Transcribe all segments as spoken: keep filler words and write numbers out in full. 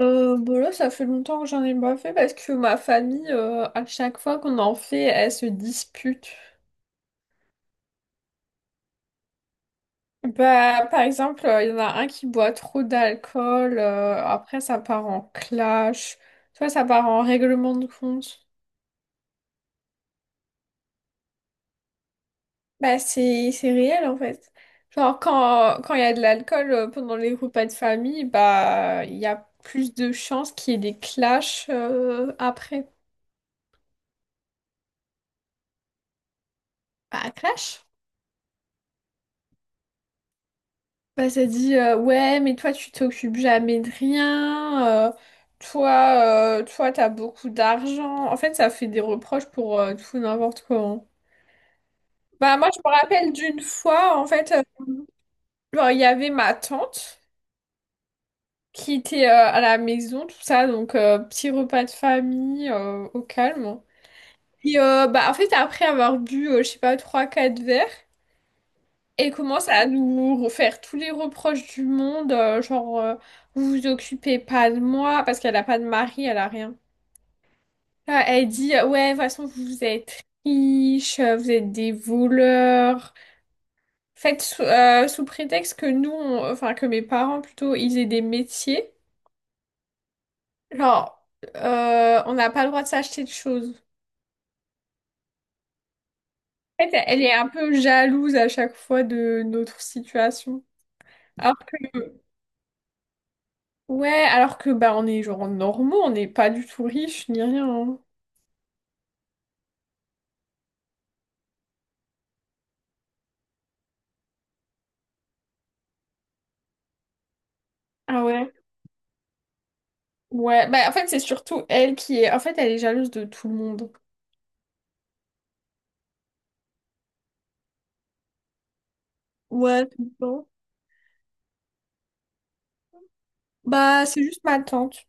Euh, bon là, ça fait longtemps que j'en ai pas fait parce que ma famille, euh, à chaque fois qu'on en fait, elle se dispute. Bah, par exemple, euh, il y en a un qui boit trop d'alcool, euh, après ça part en clash, soit ça part en règlement de compte. Bah, c'est c'est réel en fait. Genre, quand quand il y a de l'alcool euh, pendant les repas de famille, bah, il y a plus de chances qu'il y ait des clashs euh, après. Bah, clash? Bah, ça dit euh, ouais mais toi tu t'occupes jamais de rien euh, toi euh, toi t'as beaucoup d'argent en fait, ça fait des reproches pour euh, tout et n'importe quoi, hein. Bah moi je me rappelle d'une fois en fait, euh, genre, il y avait ma tante qui était euh, à la maison tout ça, donc euh, petit repas de famille euh, au calme. Et euh, bah en fait après avoir bu, euh, je sais pas, trois quatre verres. Et commence à nous refaire tous les reproches du monde, euh, genre euh, vous vous occupez pas de moi parce qu'elle a pas de mari, elle a rien. Là, elle dit euh, ouais, de toute façon vous êtes riches, euh, vous êtes des voleurs. Faites sous, euh, sous prétexte que nous, on- enfin que mes parents plutôt, ils aient des métiers. Genre euh, on n'a pas le droit de s'acheter de choses. En fait, elle est un peu jalouse à chaque fois de notre situation. Alors que. Ouais, alors que bah on est genre normaux, on n'est pas du tout riches ni rien, hein. Ah ouais? Ouais, bah en fait c'est surtout elle qui est... En fait elle est jalouse de tout le monde. Ouais, tout le temps. Bah c'est juste ma tante.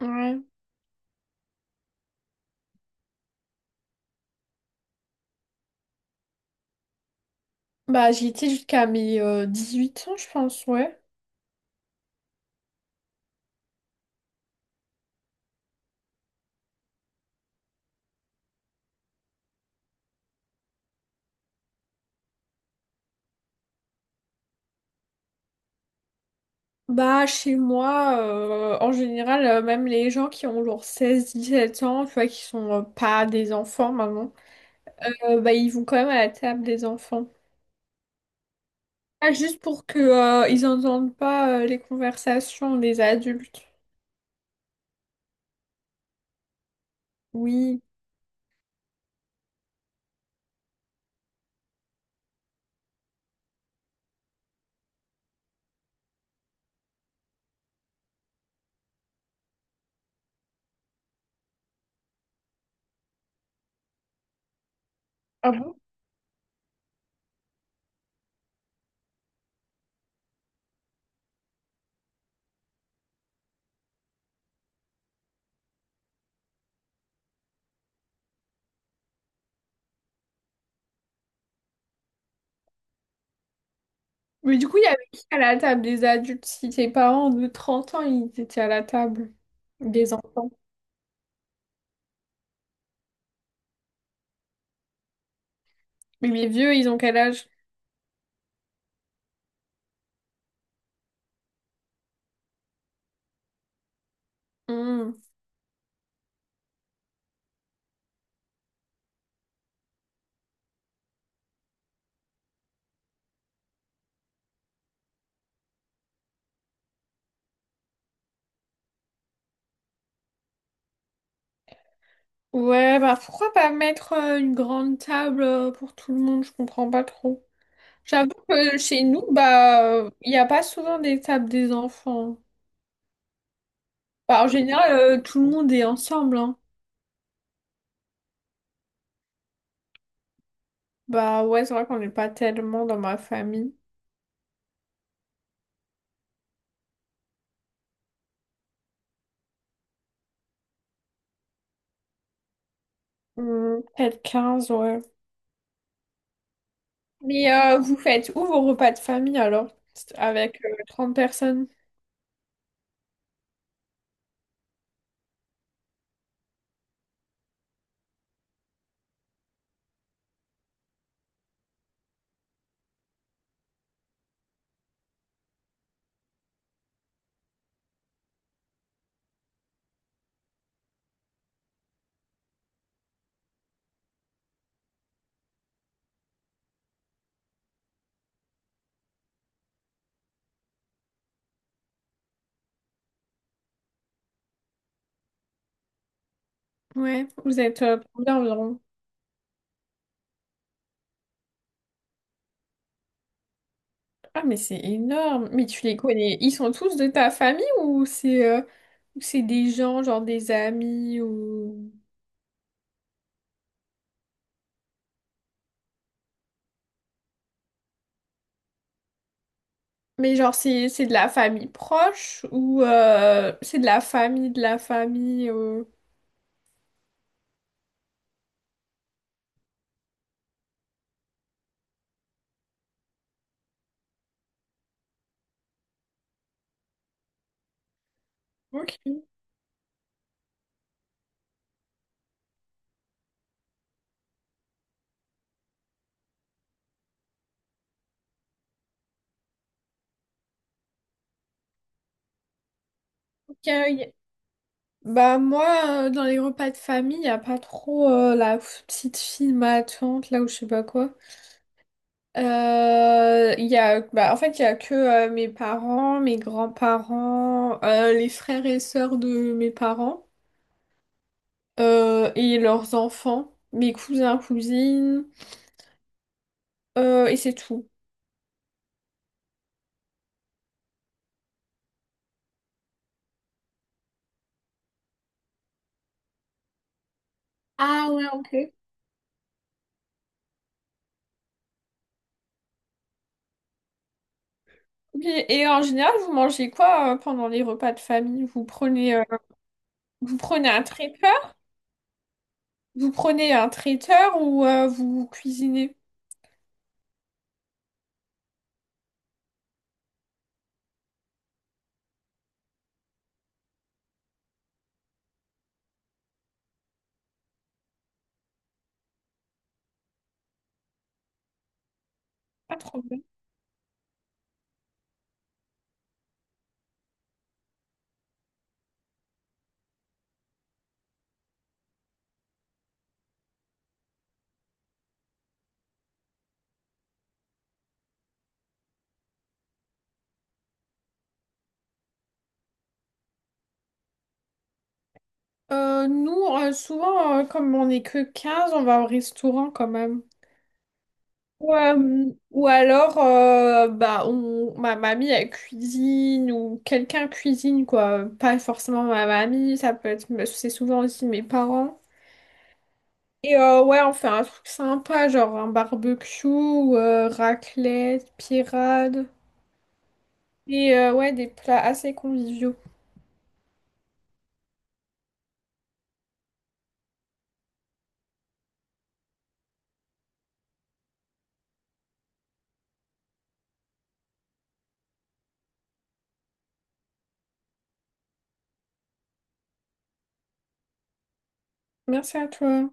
Ouais. Bah j'y étais jusqu'à mes euh, huit ans je pense, ouais. Bah chez moi, euh, en général, euh, même les gens qui ont genre seize dix-sept ans, tu vois, qui sont euh, pas des enfants maintenant, euh, bah ils vont quand même à la table des enfants. Ah, juste pour que, euh, ils entendent pas, euh, les conversations des adultes. Oui. Ah bon? Mais du coup, il y avait qui à la table des adultes? Si tes parents de trente ans, ils étaient à la table des enfants. Mais les vieux, ils ont quel âge? Hmm. Ouais, bah pourquoi pas mettre euh, une grande table euh, pour tout le monde? Je comprends pas trop. J'avoue que chez nous, bah, euh, il n'y a pas souvent des tables des enfants. Bah, en général, euh, tout le monde est ensemble, hein. Bah ouais, c'est vrai qu'on n'est pas tellement dans ma famille. Hmm, peut-être quinze, ouais. Mais euh, vous faites où vos repas de famille alors? C'est avec euh, trente personnes? Ouais, vous êtes euh, combien environ? Ah, mais c'est énorme! Mais tu les connais, ils sont tous de ta famille ou c'est euh, ou c'est des gens, genre des amis ou... Mais genre c'est c'est de la famille proche ou euh, c'est de la famille de la famille, euh. Ok. Ok. Bah moi, euh, dans les repas de famille, il n'y a pas trop euh, la f- petite fille, ma tante, là où je sais pas quoi. Euh, Il y a, bah, en fait, il y a que euh, mes parents, mes grands-parents, euh, les frères et sœurs de mes parents euh, et leurs enfants, mes cousins, cousines, euh, et c'est tout. Ah ouais, ok. Ok. Et en général, vous mangez quoi euh, pendant les repas de famille? Vous prenez, euh, vous prenez un traiteur? Vous prenez un traiteur ou euh, vous cuisinez? Pas trop bien. Euh, nous, euh, souvent, euh, comme on n'est que quinze, on va au restaurant quand même. Ou, euh, ou alors, euh, bah, on, ma mamie, elle cuisine ou quelqu'un cuisine, quoi. Pas forcément ma mamie, ça peut être, c'est souvent aussi mes parents. Et euh, ouais, on fait un truc sympa, genre un barbecue, euh, raclette, pirade. Et euh, ouais, des plats assez conviviaux. Merci à toi.